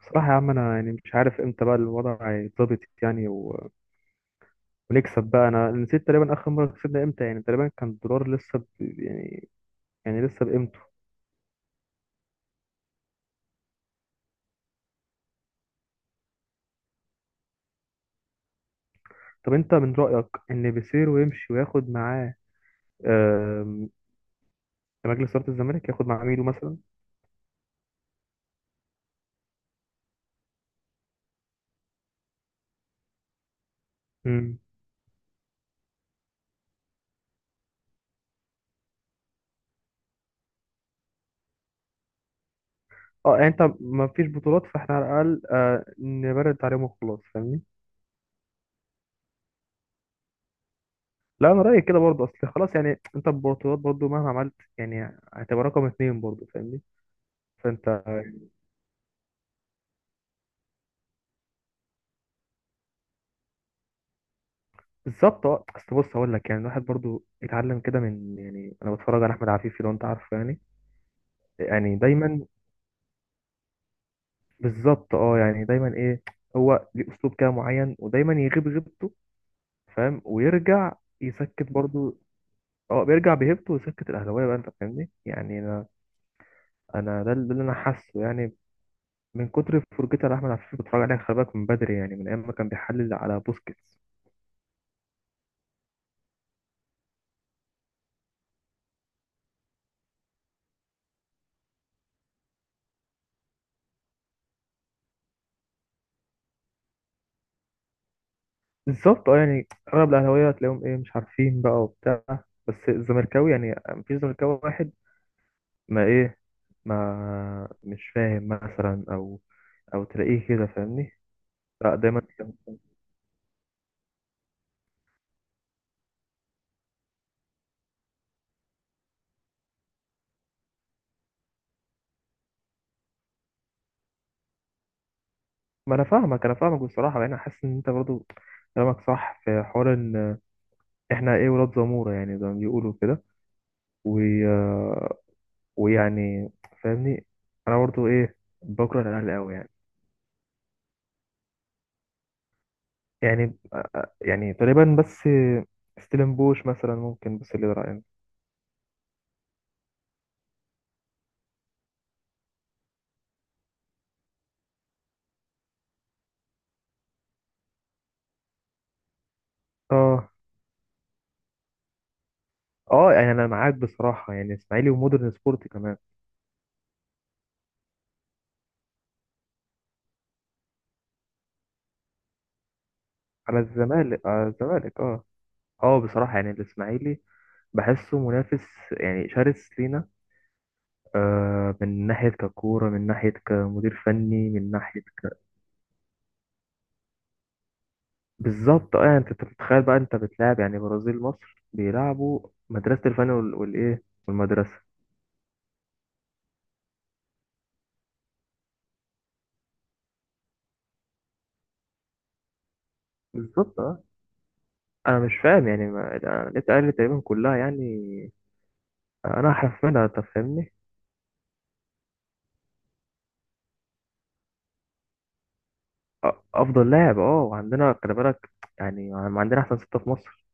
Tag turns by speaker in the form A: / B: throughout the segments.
A: بصراحة يا عم أنا يعني مش عارف إمتى بقى الوضع هيتظبط يعني ونكسب بقى. أنا نسيت تقريبا آخر مرة كسبنا إمتى يعني تقريبا كان الدولار لسه يعني لسه بقيمته. طب أنت من رأيك إن بيسيرو يمشي وياخد معاه آم، مجلس إدارة الزمالك ياخد معاه ميدو مثلا؟ امم أه يعني أنت ما فيش بطولات فإحنا على الأقل نبرد عليهم وخلاص فاهمني؟ لا أنا رأيي كده برضه أصل خلاص يعني أنت البطولات برضه مهما عملت يعني هتبقى رقم اتنين برضه فاهمني؟ فأنت بالظبط. اه اصل بص هقول لك يعني الواحد برضو اتعلم كده من يعني انا بتفرج على احمد عفيفي لو انت عارفه يعني. يعني دايما بالظبط. اه يعني دايما ايه؟ هو ليه اسلوب كده معين ودايما يغيب غيبته فاهم ويرجع يسكت برضو. اه بيرجع بهيبته ويسكت الاهلاويه بقى انت فاهمني يعني انا ده اللي انا حاسه يعني من كتر فرجتي على احمد عفيفي بتفرج عليه خلي بالك من بدري يعني من ايام ما كان بيحلل على بوسكيتس. بالظبط. اه يعني اغلب الاهلاويه هتلاقيهم ايه مش عارفين بقى وبتاع. بس الزمركاوي يعني مفيش زمركاوي واحد ما ايه ما مش فاهم مثلا او تلاقيه كده فاهمني. لا دايما كان- ما انا فاهمك انا فاهمك بصراحه يعني انا حاسس ان انت برضو كلامك صح في حوار ان احنا ايه ولاد زموره يعني زي ما بيقولوا كده و... ويعني فاهمني. انا برضو ايه بكره الاهلي قوي يعني. يعني يعني تقريبا بس ستيلن بوش مثلا ممكن بس اللي رايي. اه اه يعني انا معاك بصراحه يعني اسماعيلي ومودرن سبورت كمان. على الزمالك على الزمالك اه. اه بصراحه يعني الاسماعيلي بحسه منافس يعني شرس لينا آه من ناحيه ككوره من ناحيه كمدير فني من ناحيه ك-. بالظبط يعني انت بتتخيل بقى انت بتلعب يعني برازيل مصر بيلعبوا مدرسه الفن والايه والمدرسه. بالظبط. اه انا مش فاهم يعني ما... النت قال تقريبا كلها يعني انا هحفلها انت فاهمني. أ- افضل لاعب اه وعندنا خلي بالك يعني ما عندنا احسن ستة في مصر.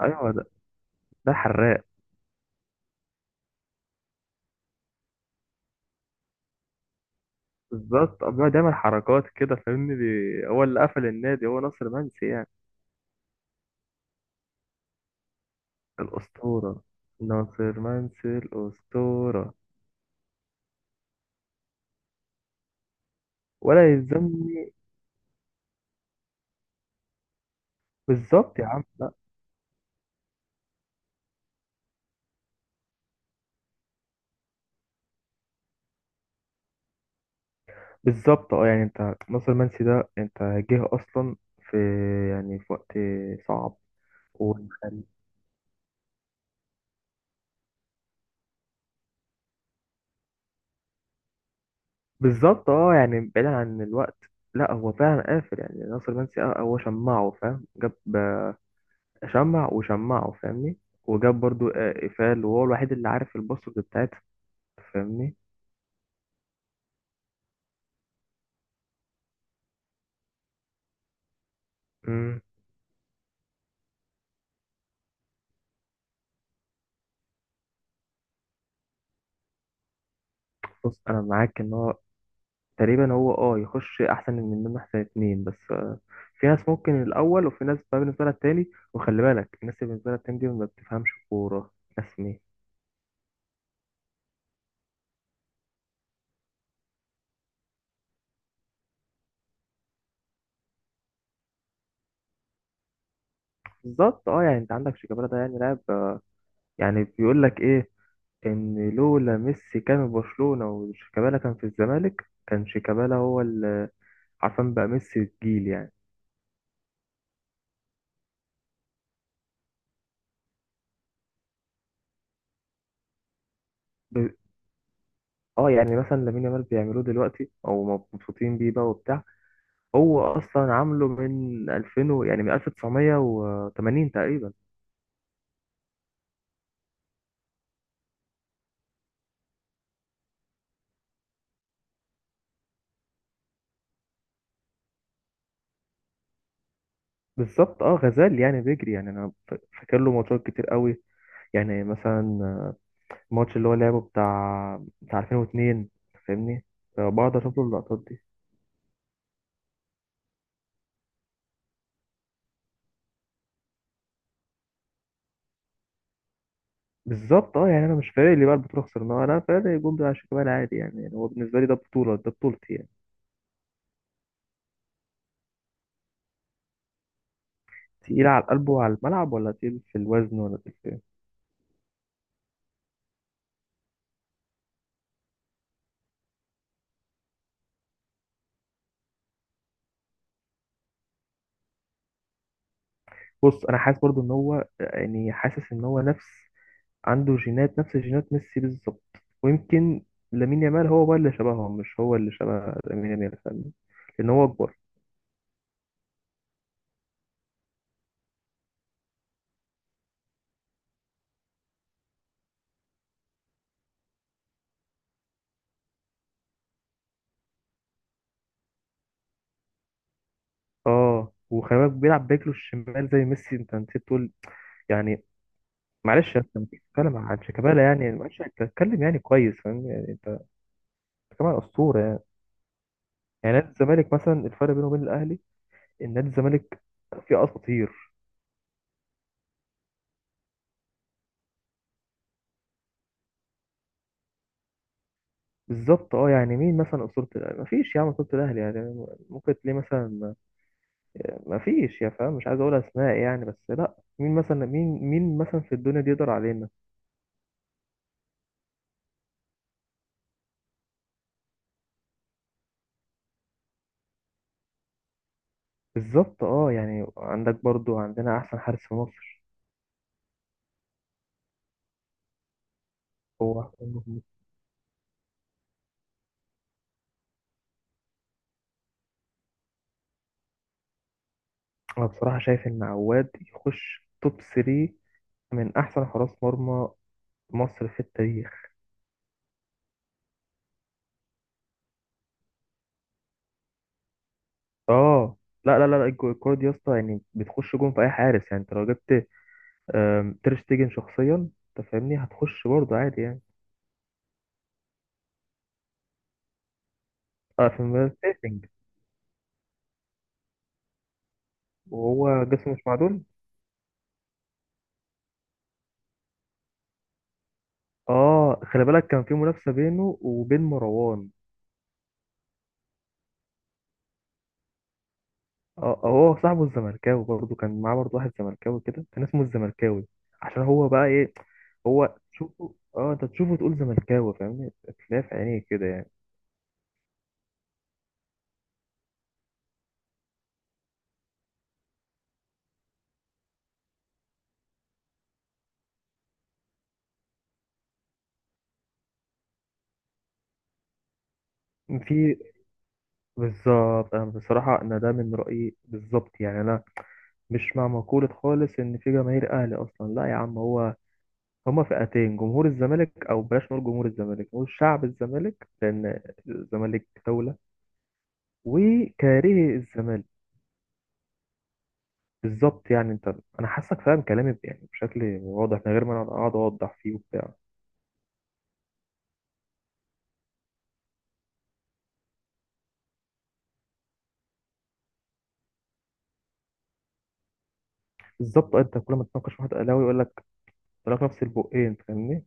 A: ايوه ده, ده حراق. بالظبط بيقعد يعمل حركات كده فاهمني هو اللي قفل النادي هو ناصر منسي يعني الاسطوره. ناصر منسي الاسطوره. ولا يلزمني. بالظبط يا عم لا. بالظبط يعني انت ناصر منسي ده انت جه اصلا في يعني في وقت صعب وخلينا. بالظبط يعني بعيدا عن الوقت. لا هو فعلا قافل يعني ناصر منسي اه هو شمعه فاهم جاب شمع وشمعه فاهمني وجاب برضو قفال وهو الوحيد اللي عارف الباسورد بتاعتها فاهمني. امم بص انا معاك ان هو تقريبا هو يخش احسن من منه احسن اتنين بس في ناس ممكن الاول وفي ناس بقى بالنسبه لها التاني وخلي بالك الناس اللي بالنسبه لها التاني دي ما بتفهمش كوره. ناس مين؟ بالظبط يعني انت عندك شيكابالا ده يعني لاعب يعني بيقول لك ايه ان لولا ميسي كان في برشلونة وشيكابالا كان في الزمالك كان شيكابالا هو اللي عارفين بقى ميسي الجيل يعني. ب- اه يعني مثلا لامين يامال بيعملوه دلوقتي او مبسوطين بيه بقى وبتاع. هو اصلا عامله من 2000 يعني من 1980 تقريبا. بالظبط اه غزال يعني بيجري يعني انا فاكر له ماتشات كتير قوي يعني مثلا الماتش اللي هو لعبه بتاع 2002 فاهمني بقعد اشوف له اللقطات دي. بالظبط يعني انا مش فارق لي بقى البطوله خسرناها انا فارق الجون بتاع شيكابالا عادي يعني يعني هو بالنسبه لي ده بطوله ده بطولتي يعني. تقيل على القلب وعلى الملعب ولا تقيل في الوزن ولا تقيل في إيه؟ بص انا حاسس برضو ان هو يعني حاسس ان هو نفس عنده جينات نفس جينات ميسي بالظبط ويمكن لامين يامال هو بقى اللي شبههم مش هو اللي شبه لامين يامال فاهمني لان هو اكبر. اه وخلي بالك بيلعب باكله الشمال زي ميسي انت نسيت تقول يعني. معلش انت بتتكلم عن شيكابالا يعني معلش انت بتتكلم يعني كويس فاهم يعني انت كمان اسطوره يعني. يعني نادي الزمالك مثلا الفرق بينه وبين الاهلي ان نادي الزمالك فيه اساطير. بالظبط يعني مين مثلا اسطوره الاهلي؟ مفيش يا عم اسطوره الاهلي يعني ممكن تلاقي مثلا مفيش يا فاهم مش عايز اقول اسماء يعني بس لا مين مثلا مين مين مثلا في الدنيا دي يقدر علينا. بالظبط يعني عندك برضو عندنا احسن حارس في مصر. هو أحسن محمود. انا بصراحه شايف ان عواد يخش توب 3 من احسن حراس مرمى مصر في التاريخ. اه لا لا لا لا، الكرة دي يا اسطى يعني بتخش جون في اي حارس يعني انت لو جبت تير شتيجن شخصيا انت فاهمني هتخش برضه عادي يعني. اه في مدافعينج وهو جسمه مش معدول. اه خلي بالك كان في منافسة بينه وبين مروان. اه هو صاحبه الزمركاوي برضه كان معاه برضه واحد زمركاوي كده كان اسمه الزمركاوي عشان هو بقى ايه. هو تشوفه اه انت تشوفه تقول زملكاوي فاهمني تلاقيه في عينيك كده يعني. في بالظبط انا بصراحه انا ده من رايي بالظبط يعني انا مش مع مقولة خالص إن في جماهير أهلي أصلا لا يا عم هو هما فئتين جمهور الزمالك أو بلاش نقول جمهور الزمالك نقول شعب الزمالك لأن الزمالك دولة وكاره الزمالك. بالظبط يعني أنت أنا حاسك فاهم كلامي يعني بشكل واضح من غير ما أنا أقعد أوضح فيه وبتاع. بالظبط أنت كل ما تناقش واحد أهلاوي يقول لك لك نفس البقين فاهمني؟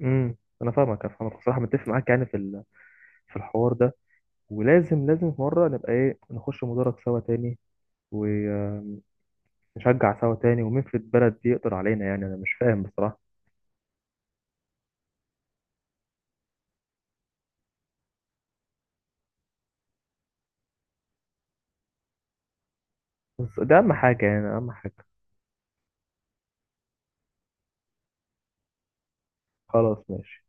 A: امم أنا فاهمك أنا فاهمك بصراحة متفق معاك يعني في الحوار ده. ولازم في مرة نبقى إيه نخش مدرج سوا تاني نشجع سوا تاني ومين في البلد دي يقدر علينا يعني انا مش فاهم بصراحة. بس ده اهم حاجة يعني اهم حاجة. خلاص ماشي.